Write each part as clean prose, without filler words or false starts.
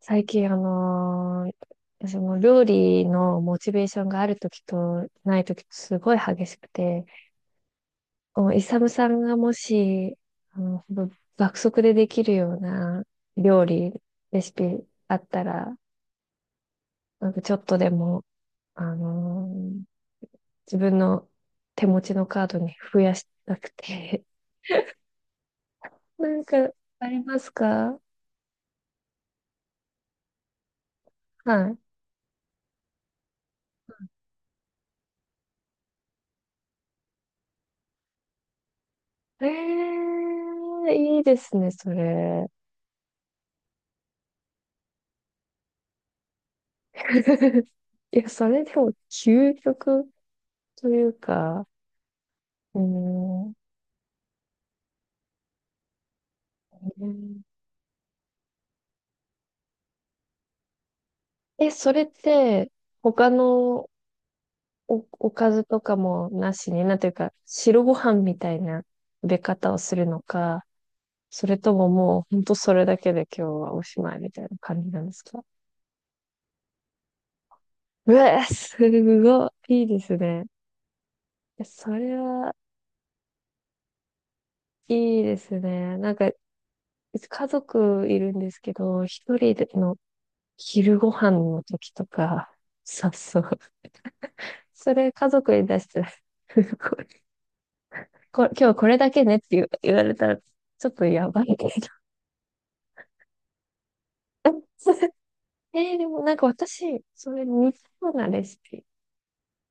最近、その料理のモチベーションがあるときとないときとすごい激しくて、おイサムさんがもし、ほんと爆速でできるような料理、レシピあったら、なんかちょっとでも、あのー自分の手持ちのカードに増やしたくて、なんかありますか？はい。えー、いいですね、それ。いや、それでも究極というか、うーん。え、それって、他のおかずとかもなしに、なんていうか、白ご飯みたいな食べ方をするのか、それとももう、ほんとそれだけで今日はおしまいみたいな感じなんですか？うわ、すごい、いいですね。いやそれは、いいですね。なんか、家族いるんですけど、一人での昼ご飯の時とか、そうそう。それ家族に出したら、こ今日これだけねって言われたら、ちょっとやばいけど。それでもなんか私、それ似たようなレシピ。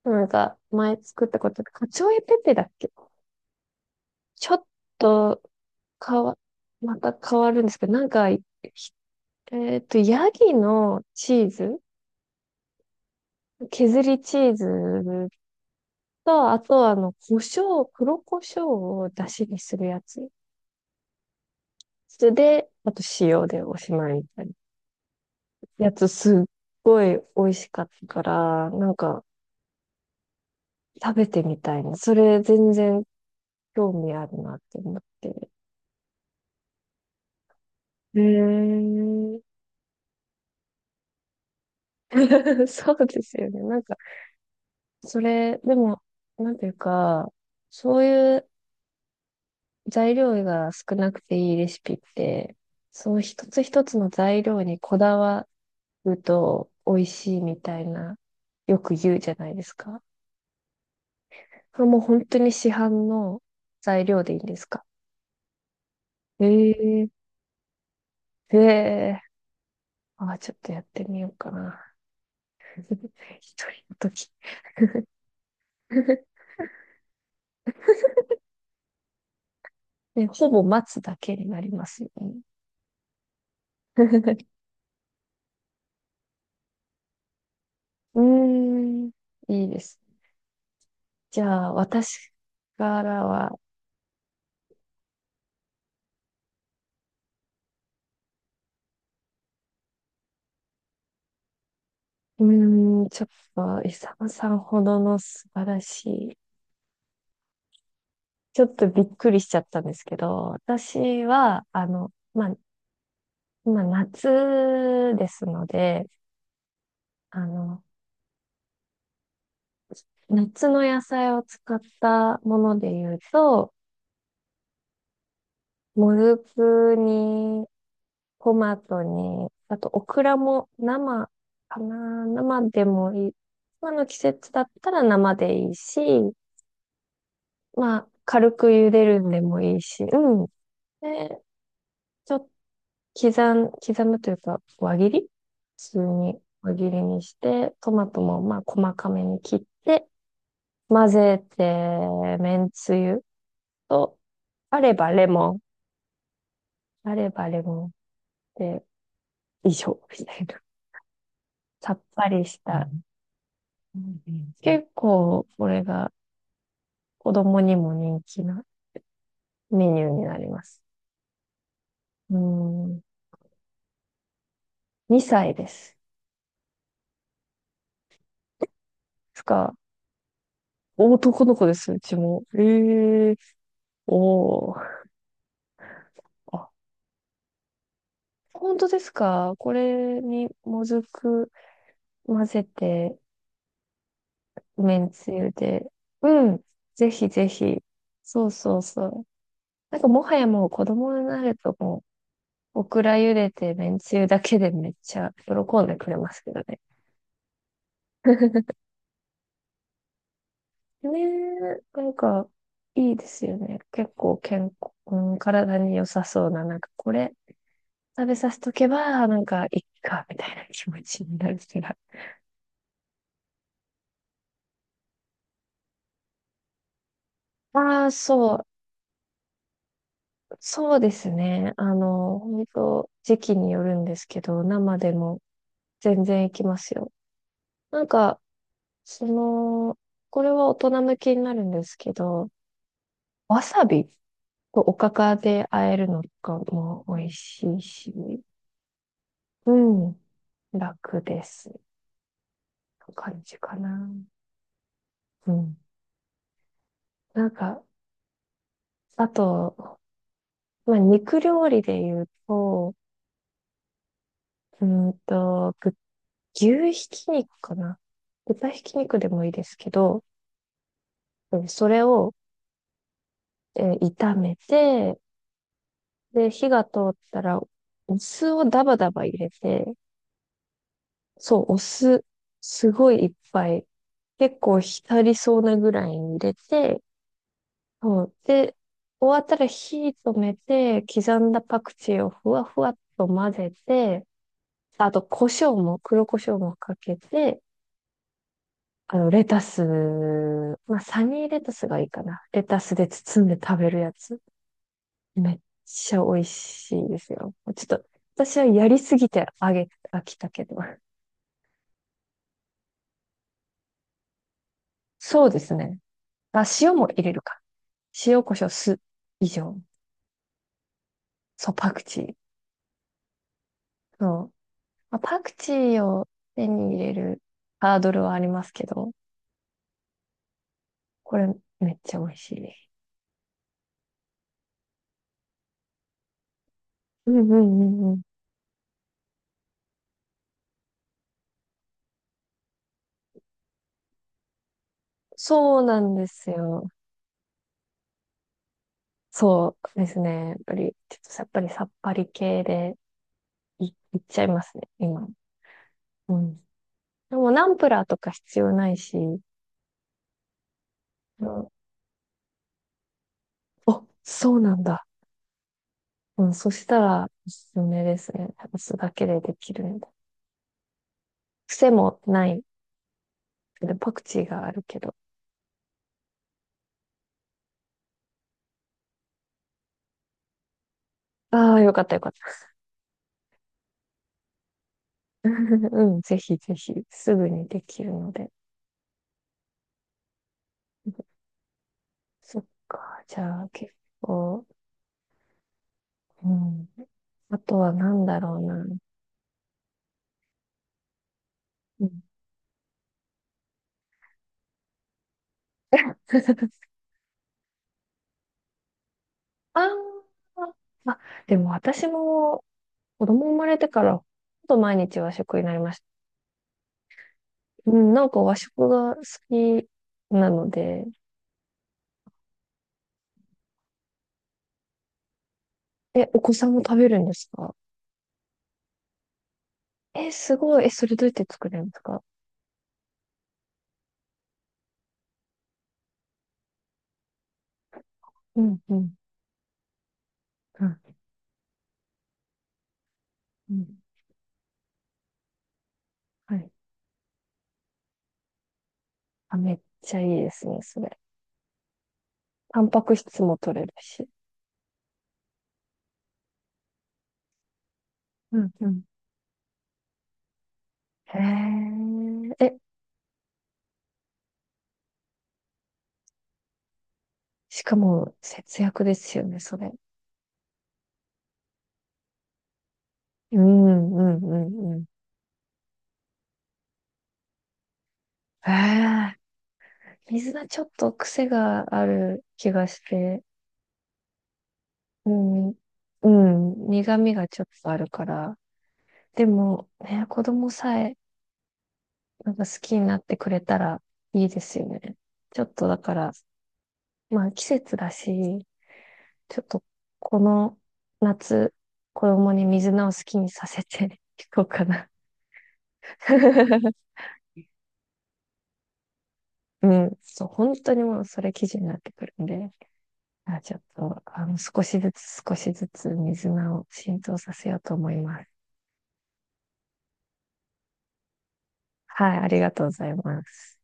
なんか前作ったことで、カチョエペペだっけ。ちょっと変わ、また変わるんですけど、なんか、ヤギのチーズ、削りチーズと、あと胡椒、黒胡椒を出汁にするやつ。それで、あと塩でおしまいみたいなやつすっごい美味しかったから、なんか食べてみたいな。それ全然興味あるなって思って。へー。 そうですよね。なんか、それ、でも、なんていうか、そういう材料が少なくていいレシピって、その一つ一つの材料にこだわると美味しいみたいな、よく言うじゃないですか。これもう本当に市販の材料でいいんですか？ええええ、あ、ちょっとやってみようかな。一人の時。ね、ほぼ待つだけになりますよね。うーん、いいです。じゃあ、私からは、うーん、ちょっと、イサムさんほどの素晴らしい、ちょっとびっくりしちゃったんですけど、私は、まあ、今夏ですので、あの、夏の野菜を使ったもので言うと、もずくに、トマトに、あとオクラも生かな、生でもいい。今の季節だったら生でいいし、まあ、軽く茹でるんでもいいし、うん。で、ちょっと刻むというか、輪切り普通に輪切りにして、トマトもまあ、細かめに切って、混ぜて、めんつゆと、あればレモン。あればレモンで、以上、みたいな。さっぱりした。うん結構、これが子供にも人気なメニューになります。うん、2歳です。つか、男の子です、うちも。ええ、おお。あ、本当ですか？これにもずく混ぜて、めんつゆで。うん、ぜひぜひ。そうそうそう。なんかもはやもう子供になるともうオクラ茹でてめんつゆだけでめっちゃ喜んでくれますけどね。ねえ、なんか、いいですよね。結構健康、うん、体に良さそうな、なんかこれ食べさせとけば、なんかいっか、みたいな気持ちになるから。ああ、そう、そうですね。本当時期によるんですけど、生でも全然いきますよ。なんか、その、これは大人向けになるんですけど、わさびとおかかで和えるのとかも美味しいし、うん、楽です。感じかな。うん。なんか、あと、まあ、肉料理で言うと、うんと、ぐ牛ひき肉かな。豚ひき肉でもいいですけど、それを、炒めて、で、火が通ったら、お酢をダバダバ入れて、そう、お酢、すごいいっぱい。結構浸りそうなぐらいに入れて、そう。で、終わったら火止めて、刻んだパクチーをふわふわっと混ぜて、あと、胡椒も、黒胡椒もかけて、レタス、まあ、サニーレタスがいいかな。レタスで包んで食べるやつ。めっちゃ美味しいですよ。ちょっと、私はやりすぎて飽きたけど。そうですね。あ、塩も入れるか。塩コショ酢以上。そう、パクチー。そう。まあ、パクチーを手に入れるハードルはありますけど、これめっちゃ美味しい。うんうんうんうん。そうなんですよ。そうですね。やっぱり、ちょっとやっぱりさっぱり系でい、いっちゃいますね、今。うん。でもナンプラーとか必要ないし、うん、お、そうなんだ。うん、そしたらおすすめですね。お酢だけでできるんで。癖もない。でパクチーがあるけど。ああ、よかったよかった。うん、ぜひぜひ、すぐにできるので。そっか、じゃあ結構、うん。あとはなんだろうな。うん、あーあ、でも私も子供生まれてから、ほとんど毎日和食になりました。うん、なんか和食が好きなので、え、お子さんも食べるんですか？え、すごい。え、それどうやって作れるんですか？うん、うん、うん。うん、はい。あ、めっちゃいいですね、それ。タンパク質も取れるし。うんうん。へえ。え、しかも節約ですよね、それ。うんうんうんうん。へえ。水菜ちょっと癖がある気がして、うん、うん、苦味がちょっとあるから。でも、ね、子供さえなんか好きになってくれたらいいですよね。ちょっとだから、まあ季節だし、ちょっと、この夏、子供に水菜を好きにさせてい こうかな。うん、そう、本当にもうそれ基準になってくるんで、あちょっと、少しずつ少しずつ水菜を浸透させようと思います。はい、ありがとうございます。